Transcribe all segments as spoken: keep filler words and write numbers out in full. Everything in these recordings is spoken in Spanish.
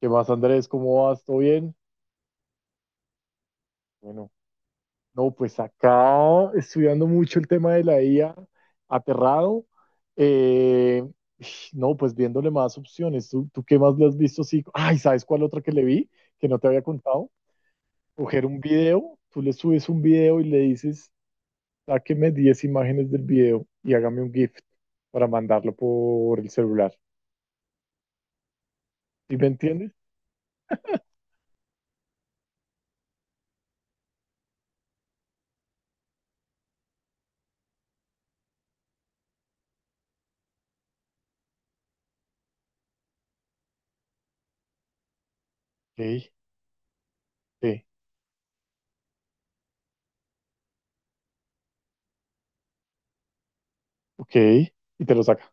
¿Qué más, Andrés? ¿Cómo vas? ¿Todo bien? Bueno, no, pues acá estudiando mucho el tema de la I A, aterrado. Eh, no, pues viéndole más opciones. ¿Tú, tú qué más le has visto? Sí. Ay, ¿sabes cuál otra que le vi? Que no te había contado. Coger un video, tú le subes un video y le dices, sáqueme diez imágenes del video y hágame un GIF para mandarlo por el celular. ¿Sí me entiendes? Sí, sí, ok. Y te lo saca.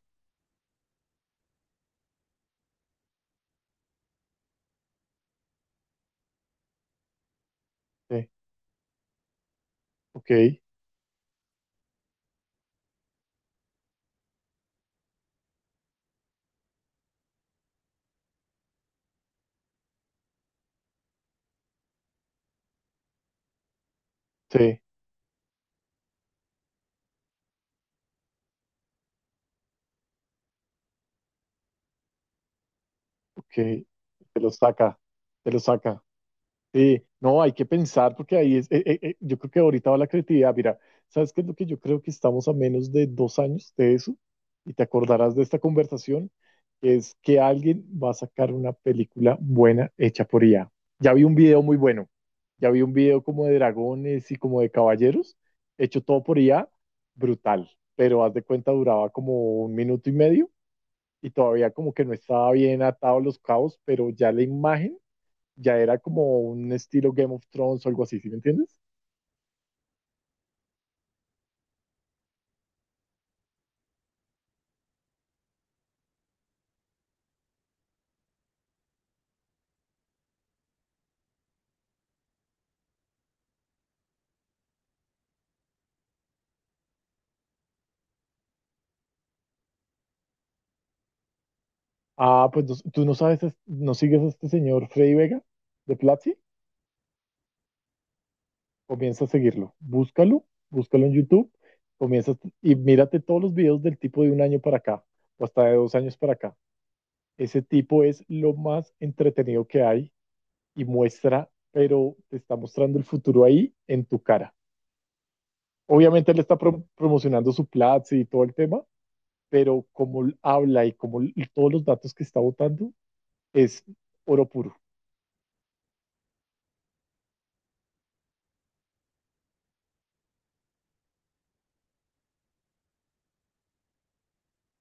Sí, ok, sí. Ok, te lo saca, te lo saca. Sí, no, hay que pensar porque ahí es, eh, eh, eh, yo creo que ahorita va la creatividad. Mira, ¿sabes qué es lo que yo creo que estamos a menos de dos años de eso? Y te acordarás de esta conversación, es que alguien va a sacar una película buena hecha por I A. Ya vi un video muy bueno, ya vi un video como de dragones y como de caballeros, hecho todo por I A, brutal, pero haz de cuenta duraba como un minuto y medio y todavía como que no estaba bien atado los cabos, pero ya la imagen ya era como un estilo Game of Thrones o algo así, ¿sí me entiendes? Ah, pues no- tú no sabes, es- no sigues a este señor Freddy Vega de Platzi. Comienza a seguirlo, búscalo, búscalo en YouTube, comienza a- y mírate todos los videos del tipo de un año para acá o hasta de dos años para acá. Ese tipo es lo más entretenido que hay y muestra, pero te está mostrando el futuro ahí en tu cara. Obviamente él está pro- promocionando su Platzi y todo el tema, pero como l- habla y como l- todos los datos que está votando es oro puro.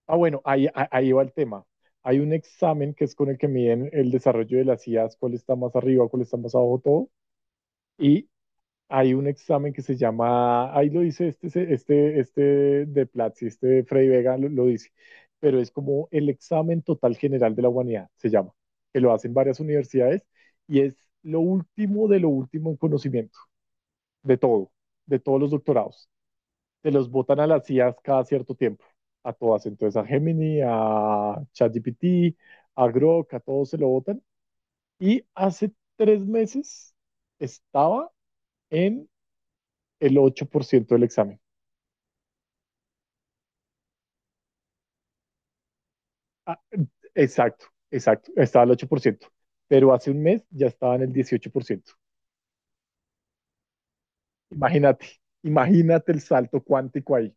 Ah, bueno, ahí, a- ahí va el tema. Hay un examen que es con el que miden el desarrollo de las I As, cuál está más arriba, cuál está más abajo, todo. Y hay un examen que se llama, ahí lo dice este, se- este, este de Platzi, este de Freddy Vega lo, lo dice, pero es como el examen total general de la humanidad, se llama, que lo hacen varias universidades y es lo último de lo último en conocimiento, de todo, de todos los doctorados. Te los botan a las C I As cada cierto tiempo, a todas, entonces a Gemini, a ChatGPT, a Grok, a todos se lo botan. Y hace tres meses estaba en el ocho por ciento del examen. Ah, exacto, exacto. Estaba al ocho por ciento, pero hace un mes ya estaba en el dieciocho por ciento. Imagínate, imagínate el salto cuántico ahí.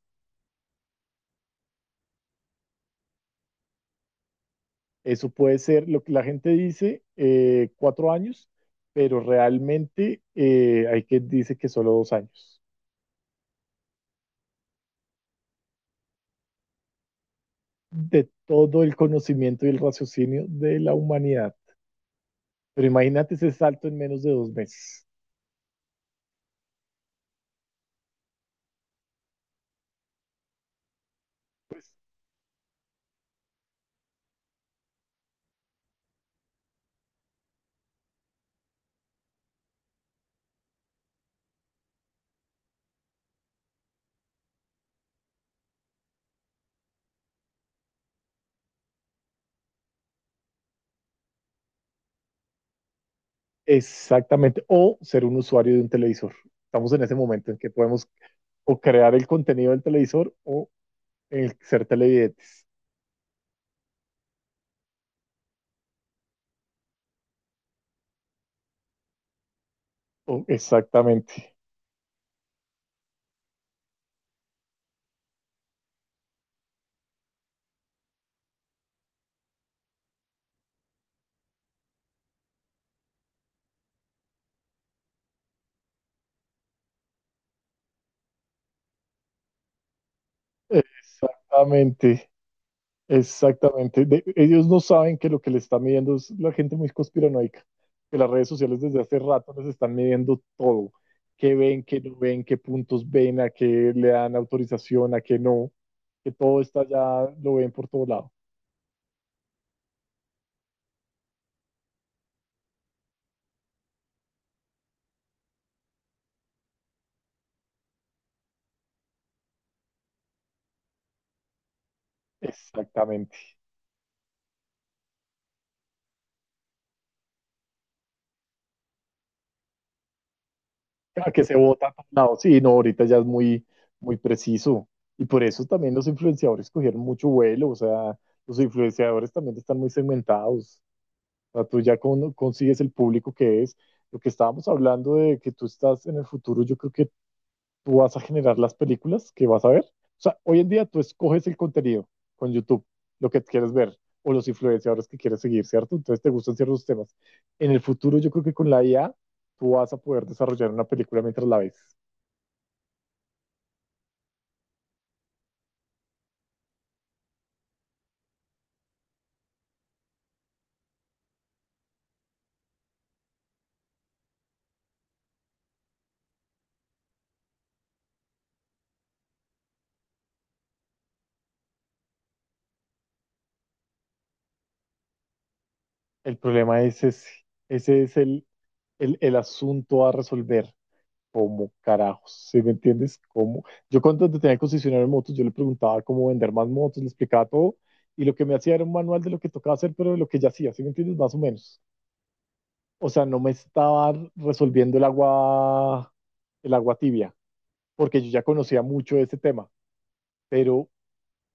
Eso puede ser lo que la gente dice, eh, cuatro años, pero realmente eh, hay quien dice que solo dos años. De todo el conocimiento y el raciocinio de la humanidad. Pero imagínate ese salto en menos de dos meses. Pues. Exactamente. O ser un usuario de un televisor. Estamos en ese momento en que podemos o crear el contenido del televisor o el ser televidentes. Oh, exactamente. Exactamente. Exactamente. De- ellos no saben que lo que les está midiendo es la gente muy conspiranoica. Que las redes sociales desde hace rato les están midiendo todo. Qué ven, qué no ven, qué puntos ven, a qué le dan autorización, a qué no. Que todo está ya, lo ven por todo lado. Exactamente. Ah, que se vota por un lado. Sí, no, ahorita ya es muy, muy preciso. Y por eso también los influenciadores cogieron mucho vuelo. O sea, los influenciadores también están muy segmentados. O sea, tú ya con- consigues el público que es. Lo que estábamos hablando de que tú estás en el futuro, yo creo que tú vas a generar las películas que vas a ver. O sea, hoy en día tú escoges el contenido con YouTube, lo que quieres ver, o los influenciadores que quieres seguir, ¿cierto? Entonces te gustan ciertos temas. En el futuro, yo creo que con la I A, tú vas a poder desarrollar una película mientras la ves. El problema es ese. Ese es el, el, el asunto a resolver. Como carajos, ¿sí me entiendes? Como Yo cuando tenía el concesionario de motos, yo le preguntaba cómo vender más motos, le explicaba todo, y lo que me hacía era un manual de lo que tocaba hacer, pero de lo que ya hacía, ¿sí me entiendes? Más o menos. O sea, no me estaba resolviendo el agua, el agua tibia, porque yo ya conocía mucho de este tema, pero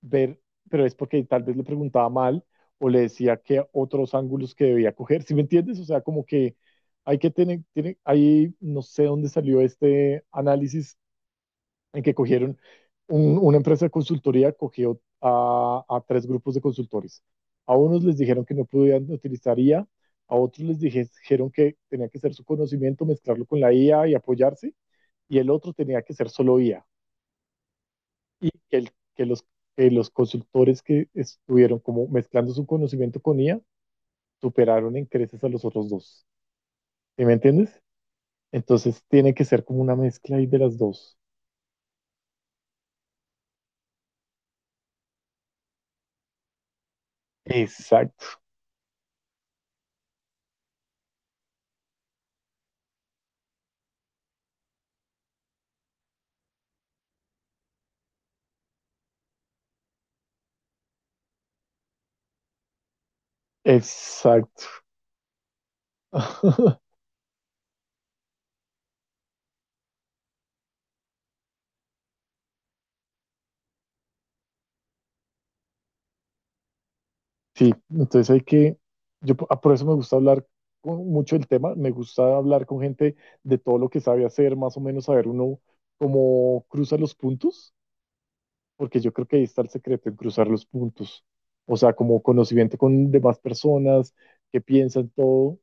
ver, pero es porque tal vez le preguntaba mal o le decía que otros ángulos que debía coger, ¿sí me entiendes? O sea, como que hay que tener, tiene, ahí no sé dónde salió este análisis en que cogieron un- una empresa de consultoría, cogió a, a tres grupos de consultores. A unos les dijeron que no podían utilizar I A, a a otros les dije- dijeron que tenía que ser su conocimiento, mezclarlo con la I A y apoyarse, y el otro tenía que ser solo I A y que, el- que los, que los consultores que estuvieron como mezclando su conocimiento con I A superaron en creces a los otros dos. ¿Sí me entiendes? Entonces tiene que ser como una mezcla ahí de las dos. Exacto, exacto. Sí, entonces hay que, yo po- ah, por eso me gusta hablar con- mucho el tema, me gusta hablar con gente de todo lo que sabe hacer, más o menos saber uno cómo cruza los puntos porque yo creo que ahí está el secreto, en cruzar los puntos. O sea, como conocimiento con demás personas que piensan todo,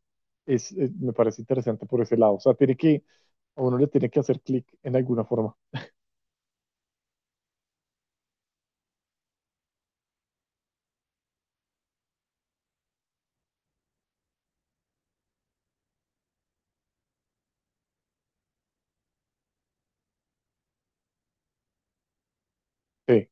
es, eh, me parece interesante por ese lado. O sea, tiene que, a uno le tiene que hacer clic en alguna forma. Sí,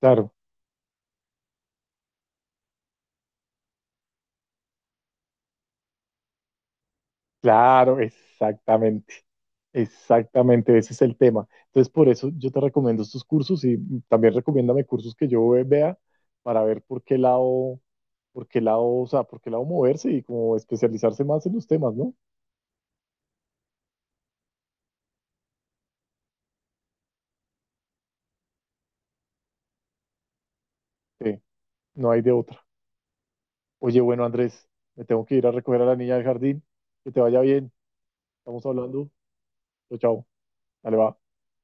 claro, claro, exactamente. Exactamente, ese es el tema. Entonces, por eso yo te recomiendo estos cursos y también recomiéndame cursos que yo ve- vea para ver por qué lado, por qué lado, o sea, por qué lado moverse y como especializarse más en los temas, ¿no? Sí, no hay de otra. Oye, bueno, Andrés, me tengo que ir a recoger a la niña del jardín. Que te vaya bien. Estamos hablando. Chao, chao. Dale, va.